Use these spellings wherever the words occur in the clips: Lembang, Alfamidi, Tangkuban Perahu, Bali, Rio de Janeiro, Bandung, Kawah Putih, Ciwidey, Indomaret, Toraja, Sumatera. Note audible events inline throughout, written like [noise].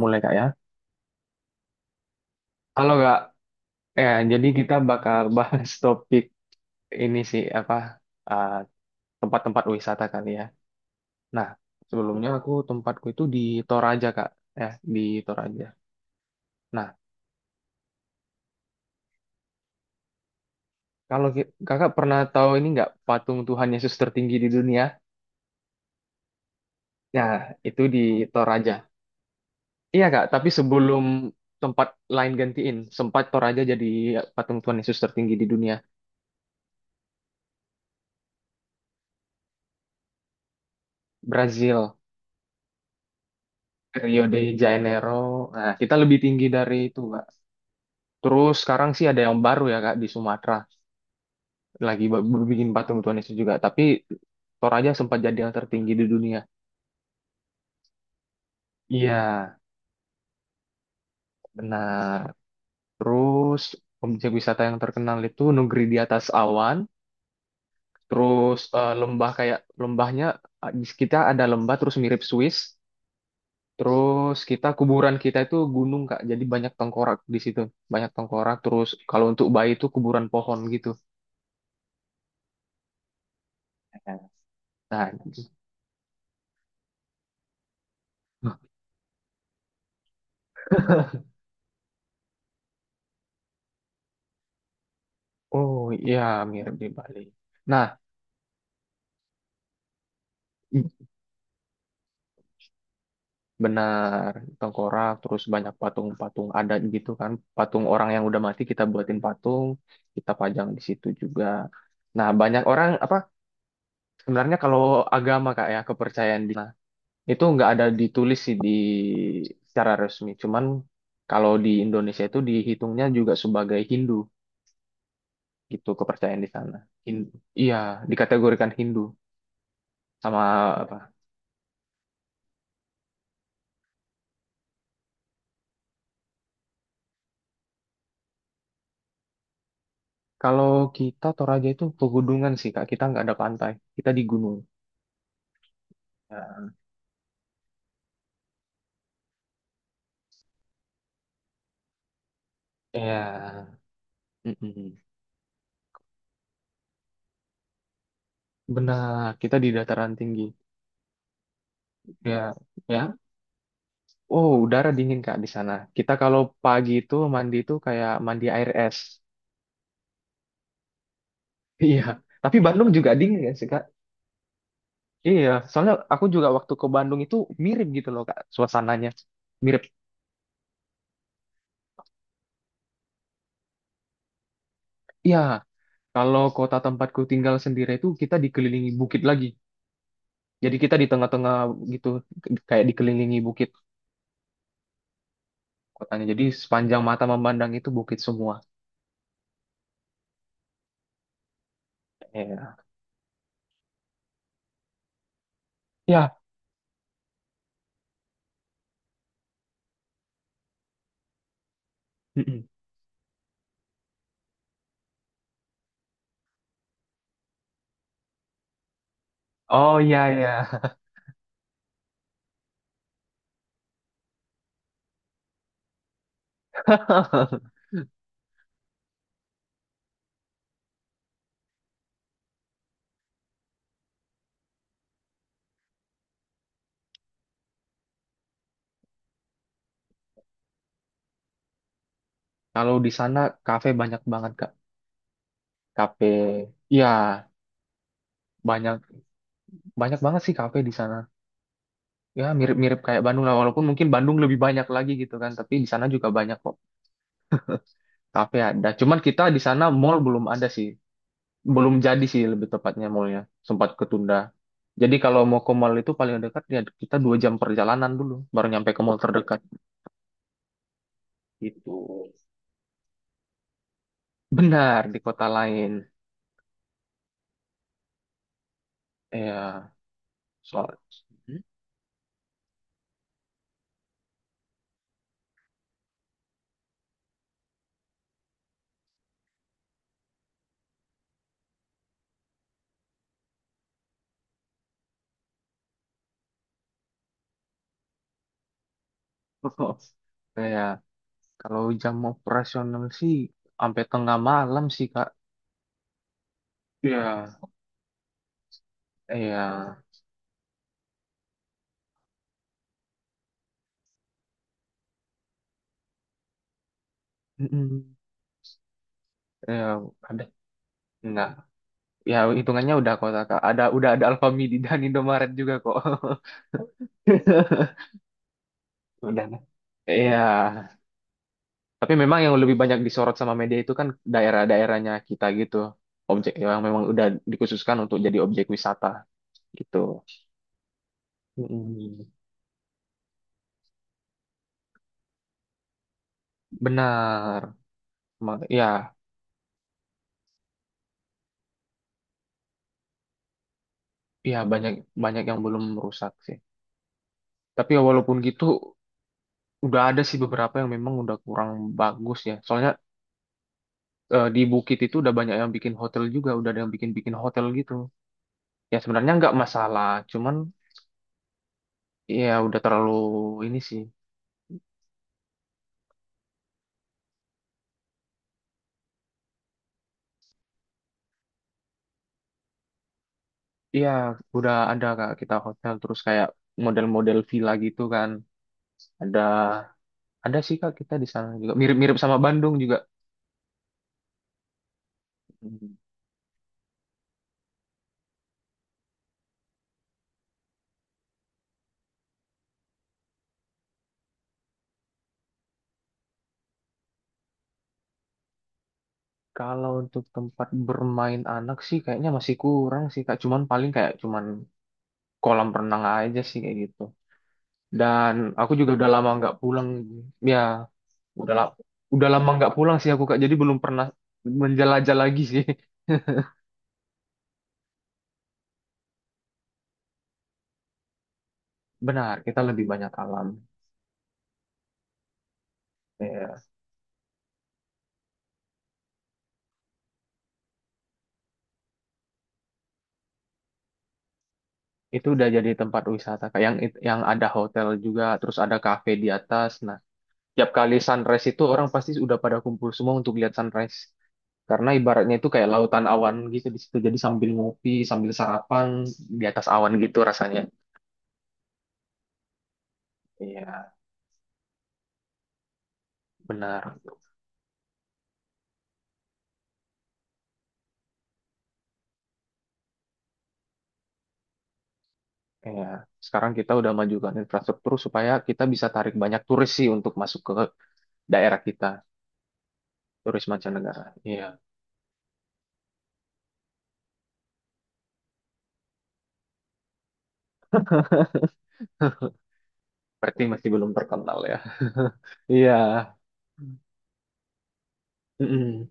Mulai kak ya. Halo Kak, ya jadi kita bakal bahas topik ini sih apa uh, tempat-tempat wisata kali ya. Nah sebelumnya aku tempatku itu di Toraja Kak, ya di Toraja. Nah Kakak pernah tahu ini nggak patung Tuhan Yesus tertinggi di dunia? Nah itu di Toraja. Iya Kak, tapi sebelum tempat lain gantiin, sempat Toraja jadi patung Tuhan Yesus tertinggi di dunia. Brazil, Rio de Janeiro. Nah kita lebih tinggi dari itu. Terus sekarang sih ada yang baru ya Kak di Sumatera lagi ba- bikin patung Tuhan Yesus juga. Tapi Toraja sempat jadi yang tertinggi di dunia. Iya, benar. Terus objek wisata yang terkenal itu negeri di atas awan. Terus lembah kayak di kita ada lembah terus mirip Swiss. Terus kita kuburan kita itu gunung Kak. Jadi banyak tengkorak di situ, banyak tengkorak. Terus kalau untuk bayi itu kuburan pohon gitu. Nah, [laughs] oh iya, mirip di Bali. Nah, i- benar tengkorak terus banyak patung-patung adat gitu kan. Patung orang yang udah mati kita buatin patung, kita pajang di situ juga. Nah, banyak orang apa sebenarnya kalau agama Kak ya, kepercayaan di nah, itu nggak ada ditulis sih di secara resmi. Cuman kalau di Indonesia itu dihitungnya juga sebagai Hindu gitu kepercayaan di sana. Hin- iya, dikategorikan Hindu sama. Kalau kita Toraja itu pegunungan sih Kak, kita nggak ada pantai, kita di gunung. Nah, ya, mm-mm. Benar, kita di dataran tinggi. Ya, ya. Oh, udara dingin Kak di sana. Kita kalau pagi itu mandi itu kayak mandi air es. [laughs] Iya, tapi Bandung juga dingin kan sih Kak? Iya, soalnya aku juga waktu ke Bandung itu mirip gitu loh Kak, suasananya. Mirip. Iya, kalau kota tempatku tinggal sendiri itu kita dikelilingi bukit lagi. Jadi kita di tengah-tengah gitu, kayak dikelilingi bukit kotanya. Jadi sepanjang mata memandang itu bukit semua. Iya. Ya. Mm-mm. Oh iya iya. [laughs] Kalau di sana kafe banyak banget Kak. Kafe. Ya, banyak banyak banget sih kafe di sana. Ya, mirip-mirip kayak Bandung lah walaupun mungkin Bandung lebih banyak lagi gitu kan, tapi di sana juga banyak kok kafe ada. Cuman kita di sana mall belum ada sih. Belum jadi sih lebih tepatnya mallnya. Sempat ketunda. Jadi kalau mau ke mall itu paling dekat ya kita dua jam perjalanan dulu baru nyampe ke mall terdekat gitu. Benar, di kota lain. Ya, soal ya [laughs] kalau jam operasional sih sampai tengah malam sih, Kak. Ya, ya. Mm-mm. Ya, ada. Nah, ya hitungannya udah kota, Kak. Ada udah ada Alfamidi [laughs] dan Indomaret juga kok. [laughs] Udah. Nah. Iya, tapi memang yang lebih banyak disorot sama media itu kan daerah-daerahnya kita gitu. Objek yang memang udah dikhususkan untuk jadi objek wisata gitu. Mm-mm. Benar. Ya, ya banyak banyak yang belum rusak sih. Tapi ya walaupun gitu, udah ada sih beberapa yang memang udah kurang bagus ya. Soalnya di Bukit itu udah banyak yang bikin hotel juga, udah ada yang bikin-bikin hotel gitu. Ya sebenarnya nggak masalah, cuman ya udah terlalu ini sih. Iya, udah ada kak kita hotel terus kayak model-model villa gitu kan. Ada ada sih kak kita di sana juga mirip-mirip sama Bandung juga. Hmm. Kalau untuk tempat bermain anak sih kayaknya masih kurang sih Kak. Cuman paling kayak cuman kolam renang aja sih kayak gitu. Dan aku juga udah lama nggak pulang. Ya, udah lama nggak pulang sih aku Kak. Jadi belum pernah menjelajah lagi sih. [laughs] Benar, kita lebih banyak alam. Ya, itu udah jadi tempat wisata Kak. Yang ada hotel juga, terus ada kafe di atas. Nah, tiap kali sunrise itu orang pasti udah pada kumpul semua untuk lihat sunrise. Karena ibaratnya itu kayak lautan awan gitu di situ. Jadi sambil ngopi, sambil sarapan di atas awan gitu rasanya. Iya, benar. Iya. Sekarang kita udah majukan infrastruktur supaya kita bisa tarik banyak turis sih untuk masuk ke daerah kita, turis mancanegara. Iya, berarti masih belum terkenal ya. [laughs] Iya. Mm-mm.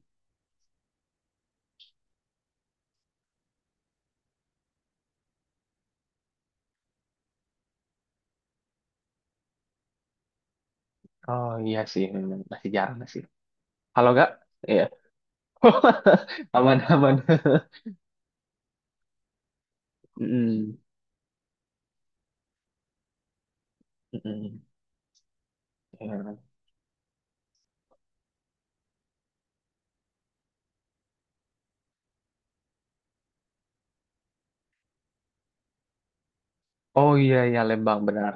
Oh iya sih, memang masih jarang sih. Halo gak? Iya. [laughs] Aman, aman. [laughs] Mm-mm. Mm-mm. Iya. Oh iya, iya Lembang benar.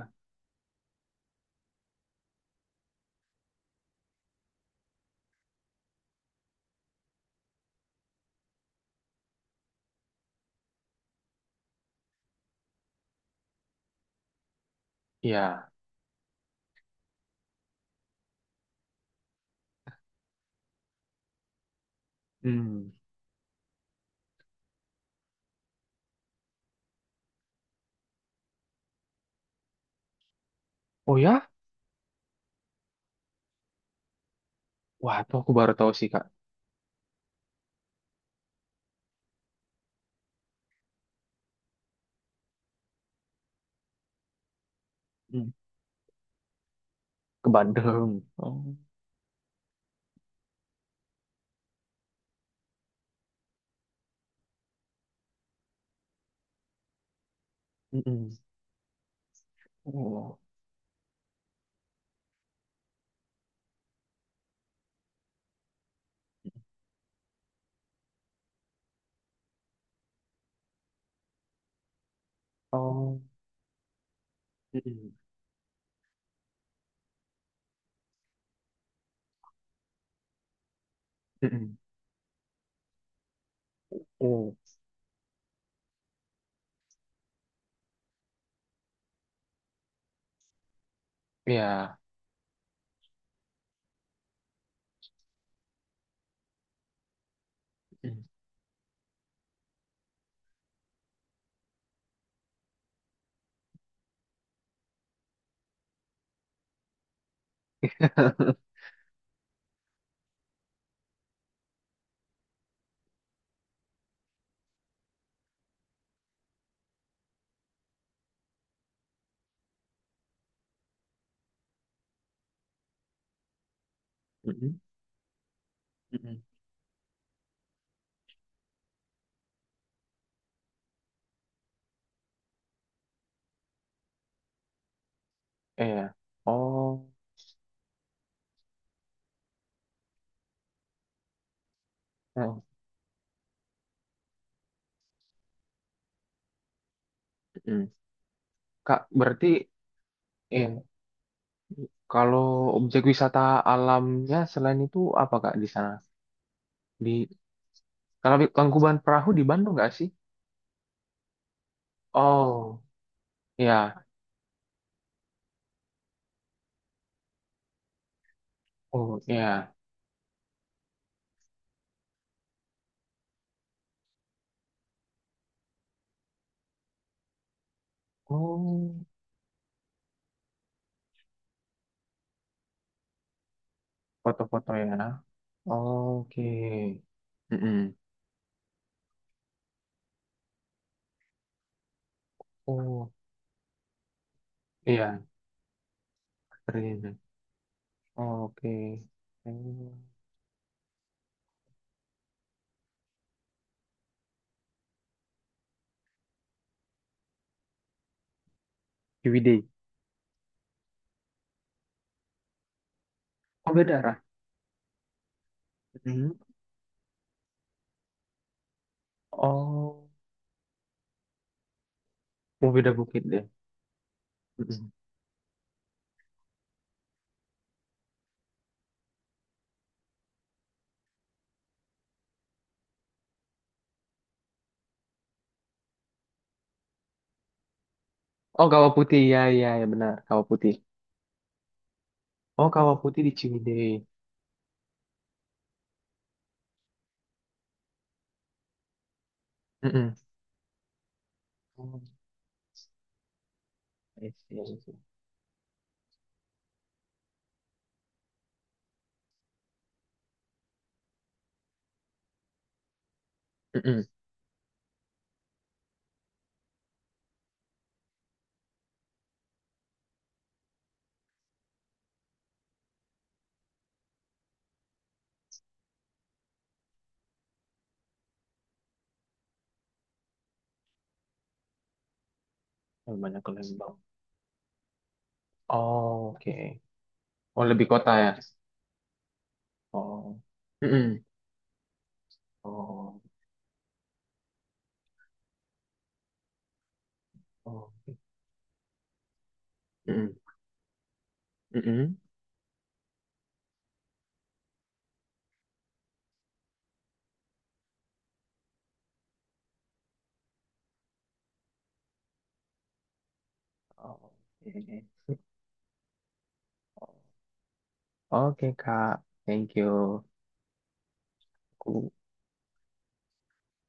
Iya. Hmm. Oh ya? Wah, tuh aku baru tahu sih, Kak. Mm. Ke Bandung. Oh. Mm-mm. Oh. Oh. Mm-mm. Mm-mm. Oh. Iya. Mm. [laughs] Mm-mm. Mm-mm. Mm. [laughs] Iya. Oh. Oh. Mm. Kak, berarti eh kalau objek wisata alamnya selain itu apa, Kak, di sana? Di kalau Tangkuban Perahu di Bandung nggak sih? Oh, ya. Oh, ya. Oh. Foto-foto ya. Oke. Mm-mm. Oh, iya, keren. Oke. Hmm. Ciwidey. Oh, beda arah. Mm. Oh, oh, beda bukit deh. Mm-mm. Oh, Kawah Putih. Ya, ya, ya benar. Kawah Putih. Oh, Kawah Putih di Ciwidey. Mm-mm. Oh, I see, I see. Mm-mm. Oh, banyak ke Lembang. Oh, oke. Oh, lebih kota ya. Oh. Mm-mm. Oh, oh. Mm-mm. Mm-mm. Oh, oke. Oke Kak, thank you. Aku,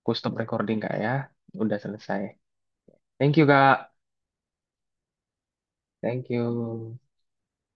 aku stop recording Kak ya. Udah selesai. Thank you Kak. Thank you.